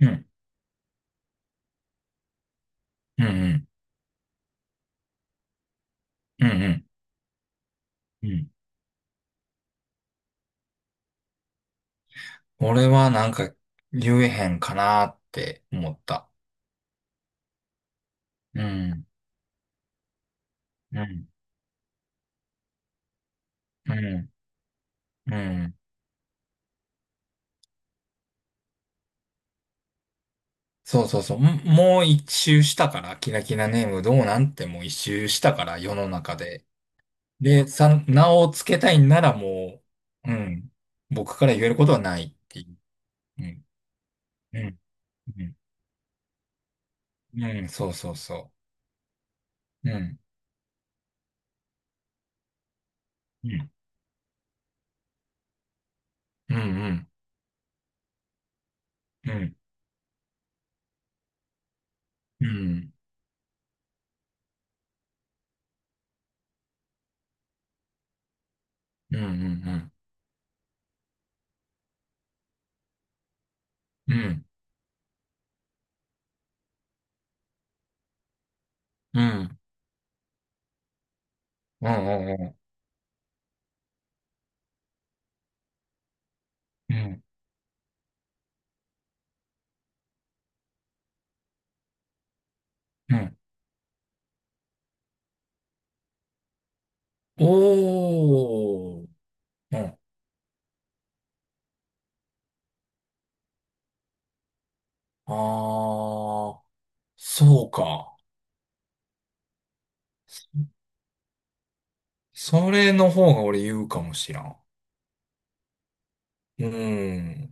うん。うん。うん。うん。うん。うん。俺はなんか言えへんかなって思った。うん。うん。うん。うん。そうそうそう。もう一周したからキラキラネームどうなんて、もう一周したから世の中でさ、名を付けたいなら、もう。うん。僕から言えることはないっていう。うん。うん。うん。うん。そうそうそう。うん。うん。うん。うん。うん。うん。うん。うん。うん。うん。うん。うん。うん、うん。おー、うん。あー、そうか。そそれの方が俺言うかもしらん。うん、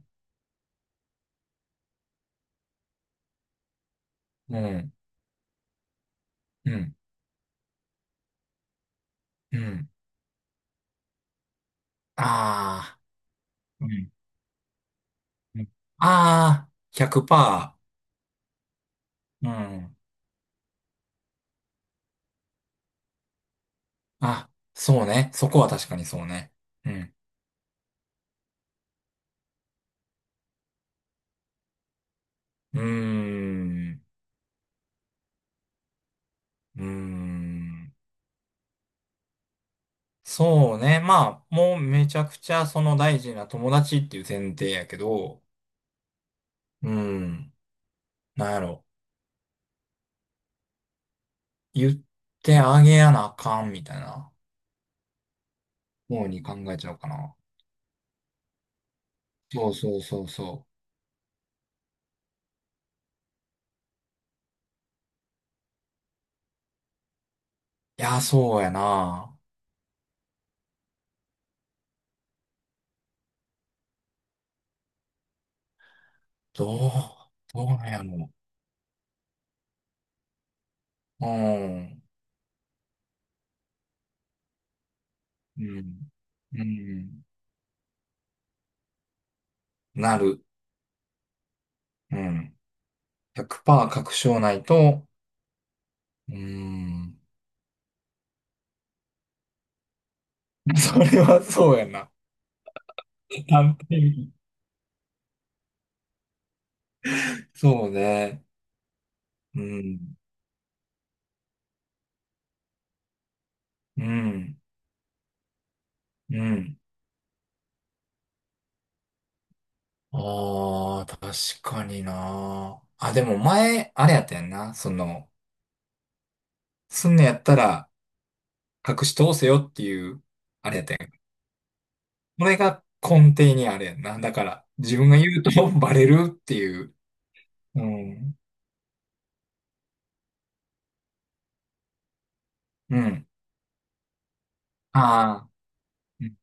うん、うん、うん。あー、うん、うん、あー、100%。うん。あ、そうね。そこは確かにそうね。うん。うーん、うーん。そうね。まあ、もうめちゃくちゃその大事な友達っていう前提やけど、うん。なんやろ、言ってあげやなあかんみたいな方に考えちゃうかな。そうそうそうそう。いや、そうやな。どう、どうなんやろう。ん、うん、うん。なる。うん。100%確証ないと、うん。それはそうやな。単品、そうね。うん、うん、うん。ああ、確かにな。あ、でも前、あれやったやんな。その、すんのやったら隠し通せよっていう、あれやったんや。これが根底にあれやんな。だから、自分が言うと バレるっていう。うん。うん。ああ。うん。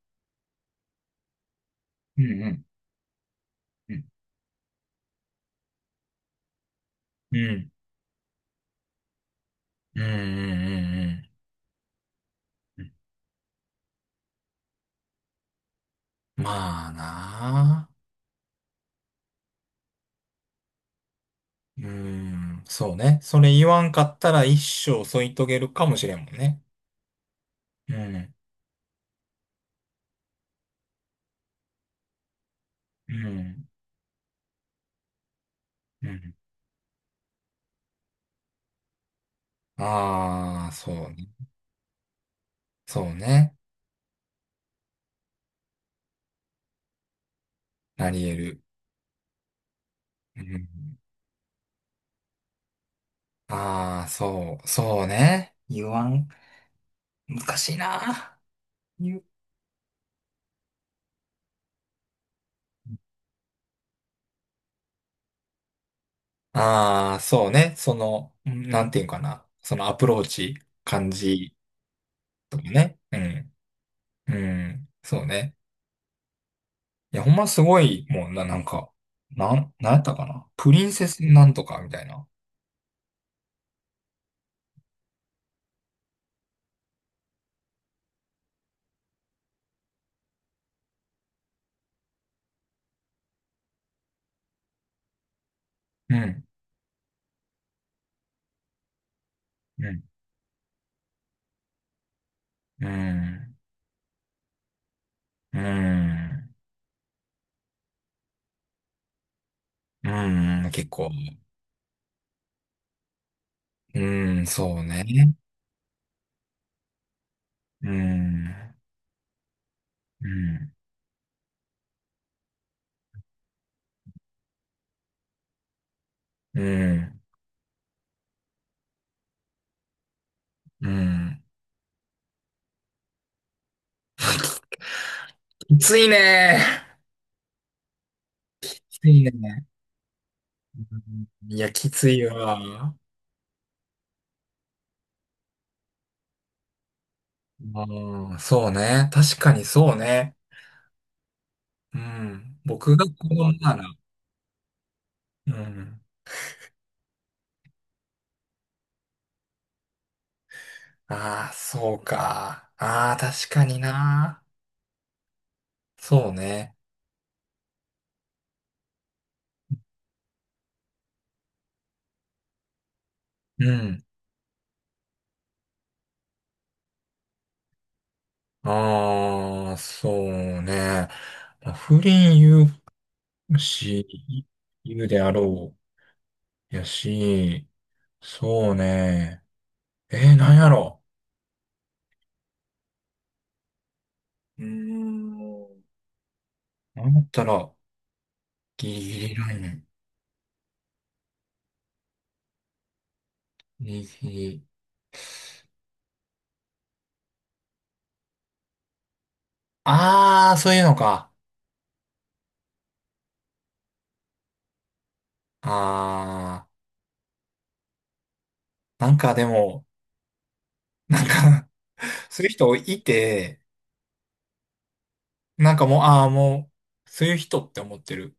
うん。うん。うん。うん。うん。うん。うん、まあなあ。うん。そうね。それ言わんかったら一生添い遂げるかもしれんもんね。うん。うん。うん。ああ、そうね。そうね。なり得る。うん、ああ、そう、そうね。言わん。難しいな。言う。ああ、そうね。その、うん、なんていうかな。そのアプローチ、感じとかね。うん。うん。そうね。いや、ほんますごい、もうな、なんか、なんやったかな。プリンセスなんとかみたいな。うん。うん。うん。うん。うん。結構。うん、そうね。うん。うん。うん。うん。きついね。きついね。うん、いや、きついわ。うん、そうね。確かにそうね。うん。僕が子供なら。うん。ああ、そうか。ああ、確かにな。そうね。うん。ああ、そうね。まあ不倫言うし、言うであろう。やし、そうね。なんやろう。うーん。なんやったら、ギリギリライン。右。ああ、そういうのか。ああ、なんかでも、なんか そういう人いて、なんかもう、ああ、もう、そういう人って思ってる。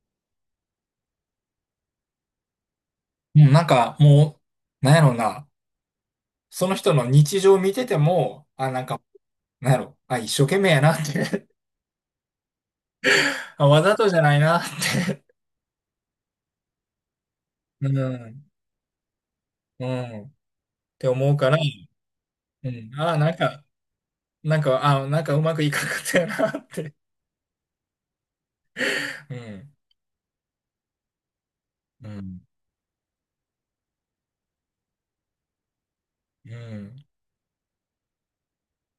もうなんかもう、なんやろな、その人の日常見てても、あ、なんか、なんやろ、あ、一生懸命やなって あ、わざとじゃないなって、うん、うん、って思うから、うん、あなんか、なんか、ああ、なんかうまくいかなかったよなって、うん、うん、うん。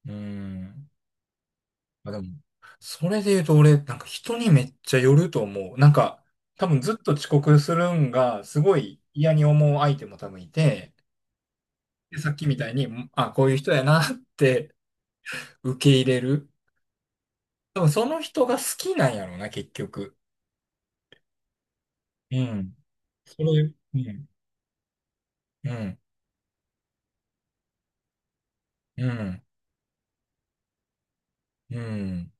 うん。まあ、でも、それで言うと俺、なんか人にめっちゃよると思う。なんか、多分ずっと遅刻するんが、すごい嫌に思う相手も多分いて、で、さっきみたいに、ん、あ、こういう人やなって 受け入れる。多分その人が好きなんやろうな、結局。うん。それ、うん。うん。うん。うん。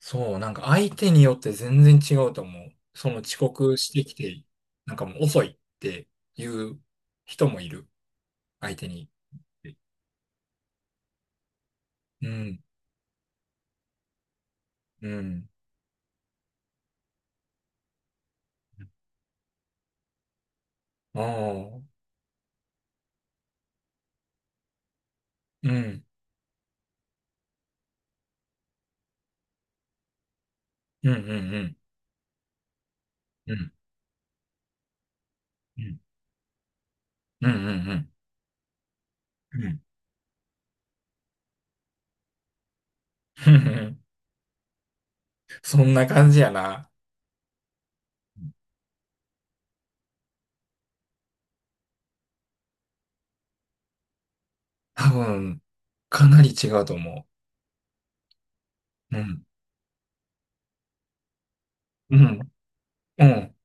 そう、なんか相手によって全然違うと思う。その遅刻してきて、なんかもう遅いっていう人もいる。相手に。うん、うん、ああ、うん、うん、うん、うん、うん、うん、うん、うん、うん、うん、うん、そんな感じやな。多分、かなり違うと思う。うん、うん、うん。